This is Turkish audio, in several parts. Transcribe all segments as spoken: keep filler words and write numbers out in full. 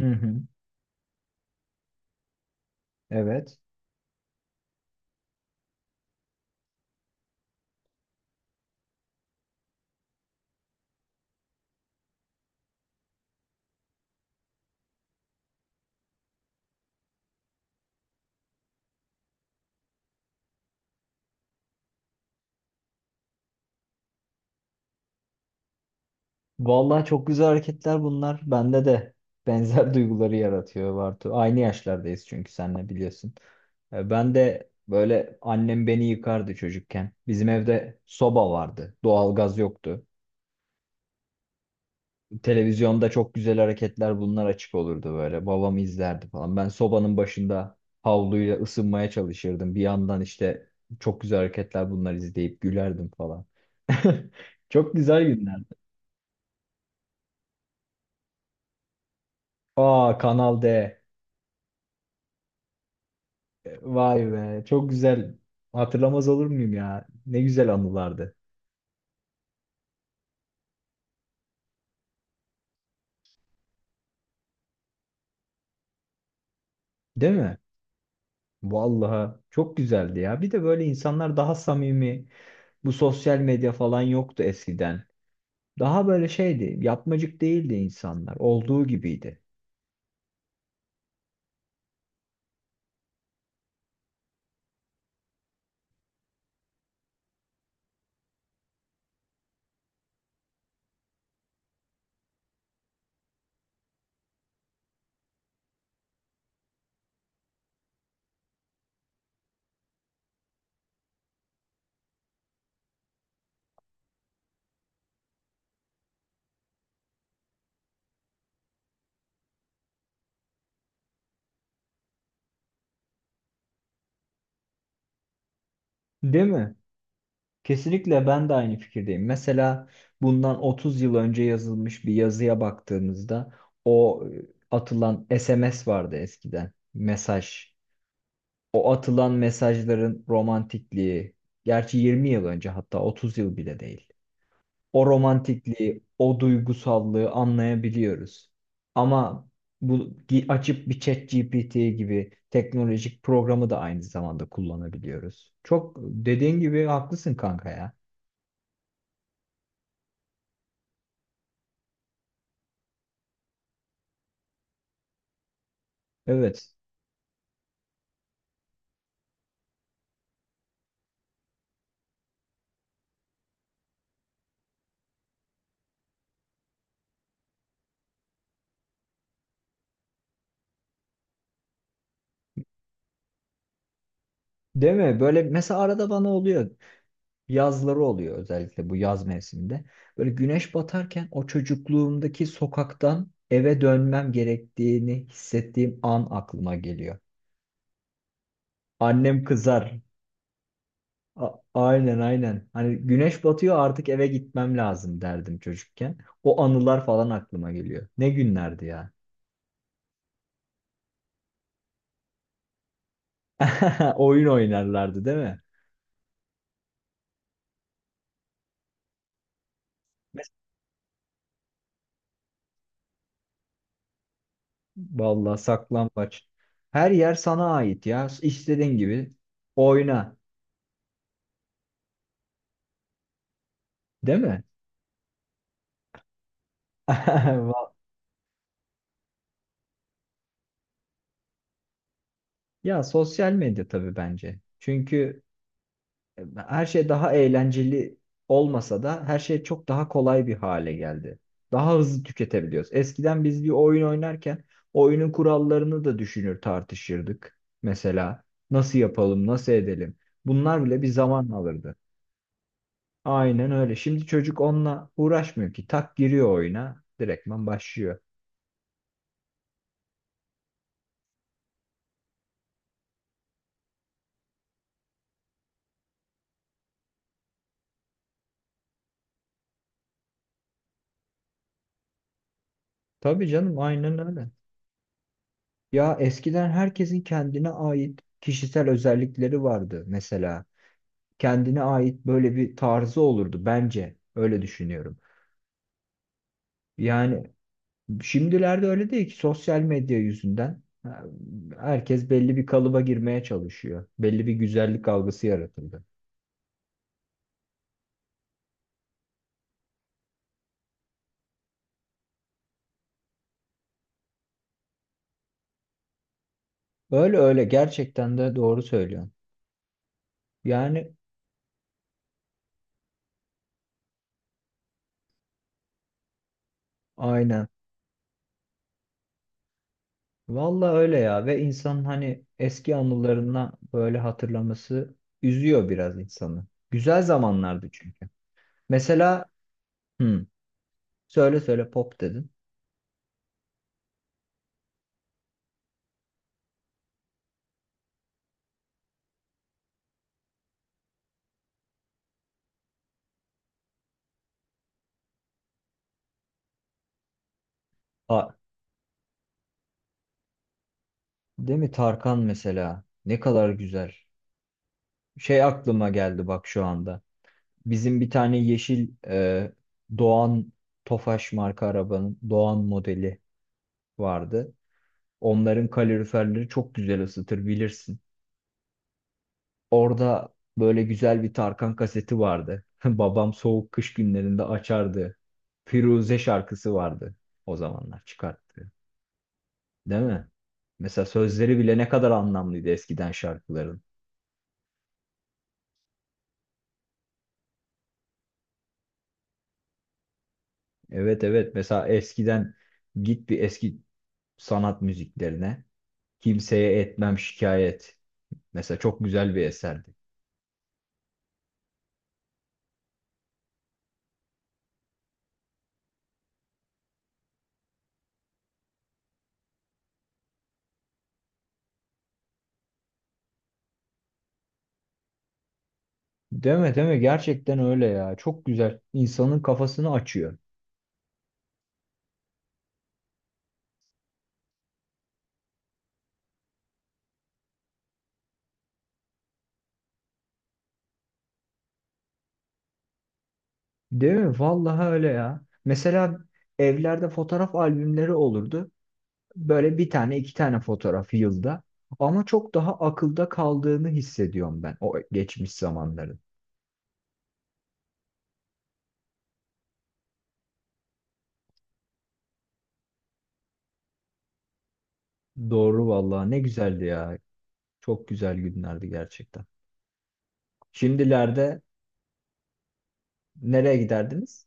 Hı hı. Evet. Vallahi çok güzel hareketler bunlar. Bende de benzer duyguları yaratıyor Bartu. Aynı yaşlardayız çünkü senle biliyorsun. E, Ben de böyle annem beni yıkardı çocukken. Bizim evde soba vardı. Doğalgaz yoktu. Televizyonda çok güzel hareketler bunlar açık olurdu böyle. Babam izlerdi falan. Ben sobanın başında havluyla ısınmaya çalışırdım. Bir yandan işte çok güzel hareketler bunlar izleyip gülerdim falan. Çok güzel günler. Aa, Kanal D. Vay be, çok güzel. Hatırlamaz olur muyum ya? Ne güzel anılardı. Değil mi? Vallahi çok güzeldi ya. Bir de böyle insanlar daha samimi. Bu sosyal medya falan yoktu eskiden. Daha böyle şeydi, yapmacık değildi insanlar. Olduğu gibiydi. Değil mi? Kesinlikle ben de aynı fikirdeyim. Mesela bundan otuz yıl önce yazılmış bir yazıya baktığımızda o e, atılan S M S vardı eskiden. Mesaj. O atılan mesajların romantikliği, gerçi yirmi yıl önce, hatta otuz yıl bile değil. O romantikliği, o duygusallığı anlayabiliyoruz. Ama bu gi- açıp bir ChatGPT gibi teknolojik programı da aynı zamanda kullanabiliyoruz. Çok dediğin gibi haklısın kanka ya. Evet. Değil mi? Böyle mesela arada bana oluyor. Yazları oluyor, özellikle bu yaz mevsiminde. Böyle güneş batarken o çocukluğumdaki sokaktan eve dönmem gerektiğini hissettiğim an aklıma geliyor. Annem kızar. A- aynen aynen. Hani güneş batıyor artık eve gitmem lazım derdim çocukken. O anılar falan aklıma geliyor. Ne günlerdi ya. Oyun oynarlardı değil mi? Mes- Vallahi saklambaç. Her yer sana ait ya. İstediğin gibi oyna, değil mi? Ya sosyal medya tabii bence. Çünkü e, her şey daha eğlenceli olmasa da her şey çok daha kolay bir hale geldi. Daha hızlı tüketebiliyoruz. Eskiden biz bir oyun oynarken oyunun kurallarını da düşünür tartışırdık. Mesela nasıl yapalım, nasıl edelim? Bunlar bile bir zaman alırdı. Aynen öyle. Şimdi çocuk onunla uğraşmıyor ki. Tak giriyor oyuna, direktman başlıyor. Tabii canım, aynen öyle. Ya eskiden herkesin kendine ait kişisel özellikleri vardı mesela. Kendine ait böyle bir tarzı olurdu bence. Öyle düşünüyorum. Yani şimdilerde öyle değil ki, sosyal medya yüzünden e, herkes belli bir kalıba girmeye çalışıyor. Belli bir güzellik algısı yaratıldı. Öyle öyle, gerçekten de doğru söylüyorsun. Yani aynen. Vallahi öyle ya, ve insanın hani eski anılarına böyle hatırlaması üzüyor biraz insanı. Güzel zamanlardı çünkü. Mesela hmm, söyle söyle, pop dedin. A, değil mi Tarkan mesela? Ne kadar güzel. Şey aklıma geldi bak şu anda. Bizim bir tane yeşil e, Doğan, Tofaş marka arabanın Doğan modeli vardı. Onların kaloriferleri çok güzel ısıtır bilirsin. Orada böyle güzel bir Tarkan kaseti vardı. Babam soğuk kış günlerinde açardı. Firuze şarkısı vardı, o zamanlar çıkarttı. Değil mi? Mesela sözleri bile ne kadar anlamlıydı eskiden şarkıların. Evet evet, mesela eskiden git bir eski sanat müziklerine. Kimseye etmem şikayet. Mesela çok güzel bir eserdi. Değil mi, değil mi? Gerçekten öyle ya. Çok güzel. İnsanın kafasını açıyor. Değil mi? Vallahi öyle ya. Mesela evlerde fotoğraf albümleri olurdu. Böyle bir tane iki tane fotoğraf yılda. Ama çok daha akılda kaldığını hissediyorum ben o geçmiş zamanların. Doğru vallahi, ne güzeldi ya. Çok güzel günlerdi gerçekten. Şimdilerde nereye giderdiniz?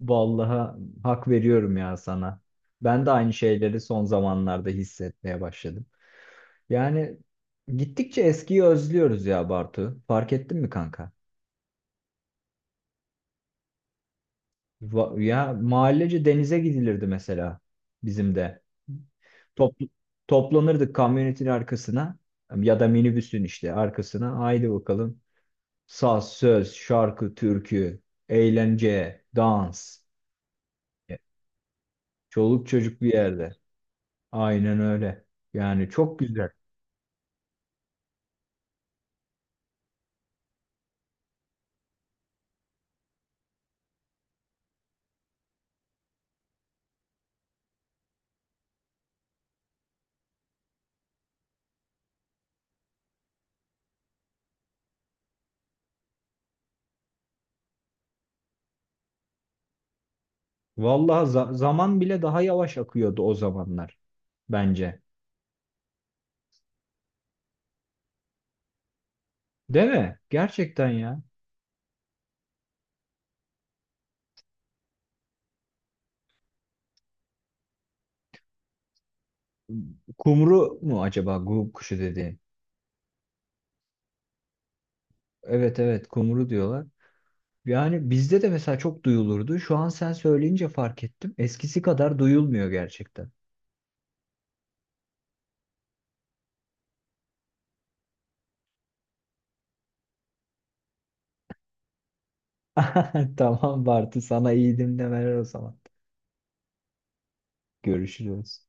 Vallahi hak veriyorum ya sana. Ben de aynı şeyleri son zamanlarda hissetmeye başladım. Yani gittikçe eskiyi özlüyoruz ya Bartu. Fark ettin mi kanka? Va- ya mahallece denize gidilirdi mesela, bizim de. Topl- Toplanırdık kamyonetin arkasına ya da minibüsün işte arkasına. Haydi bakalım. Saz, söz, şarkı, türkü, eğlence, dans. Çoluk çocuk bir yerde. Aynen öyle. Yani çok güzel. Vallahi za- zaman bile daha yavaş akıyordu o zamanlar bence. Değil mi? Gerçekten ya. Kumru mu acaba gu kuşu dediğin? Evet evet, kumru diyorlar. Yani bizde de mesela çok duyulurdu. Şu an sen söyleyince fark ettim. Eskisi kadar duyulmuyor gerçekten. Tamam Bartu, sana iyi dinlemeler o zaman. Görüşürüz.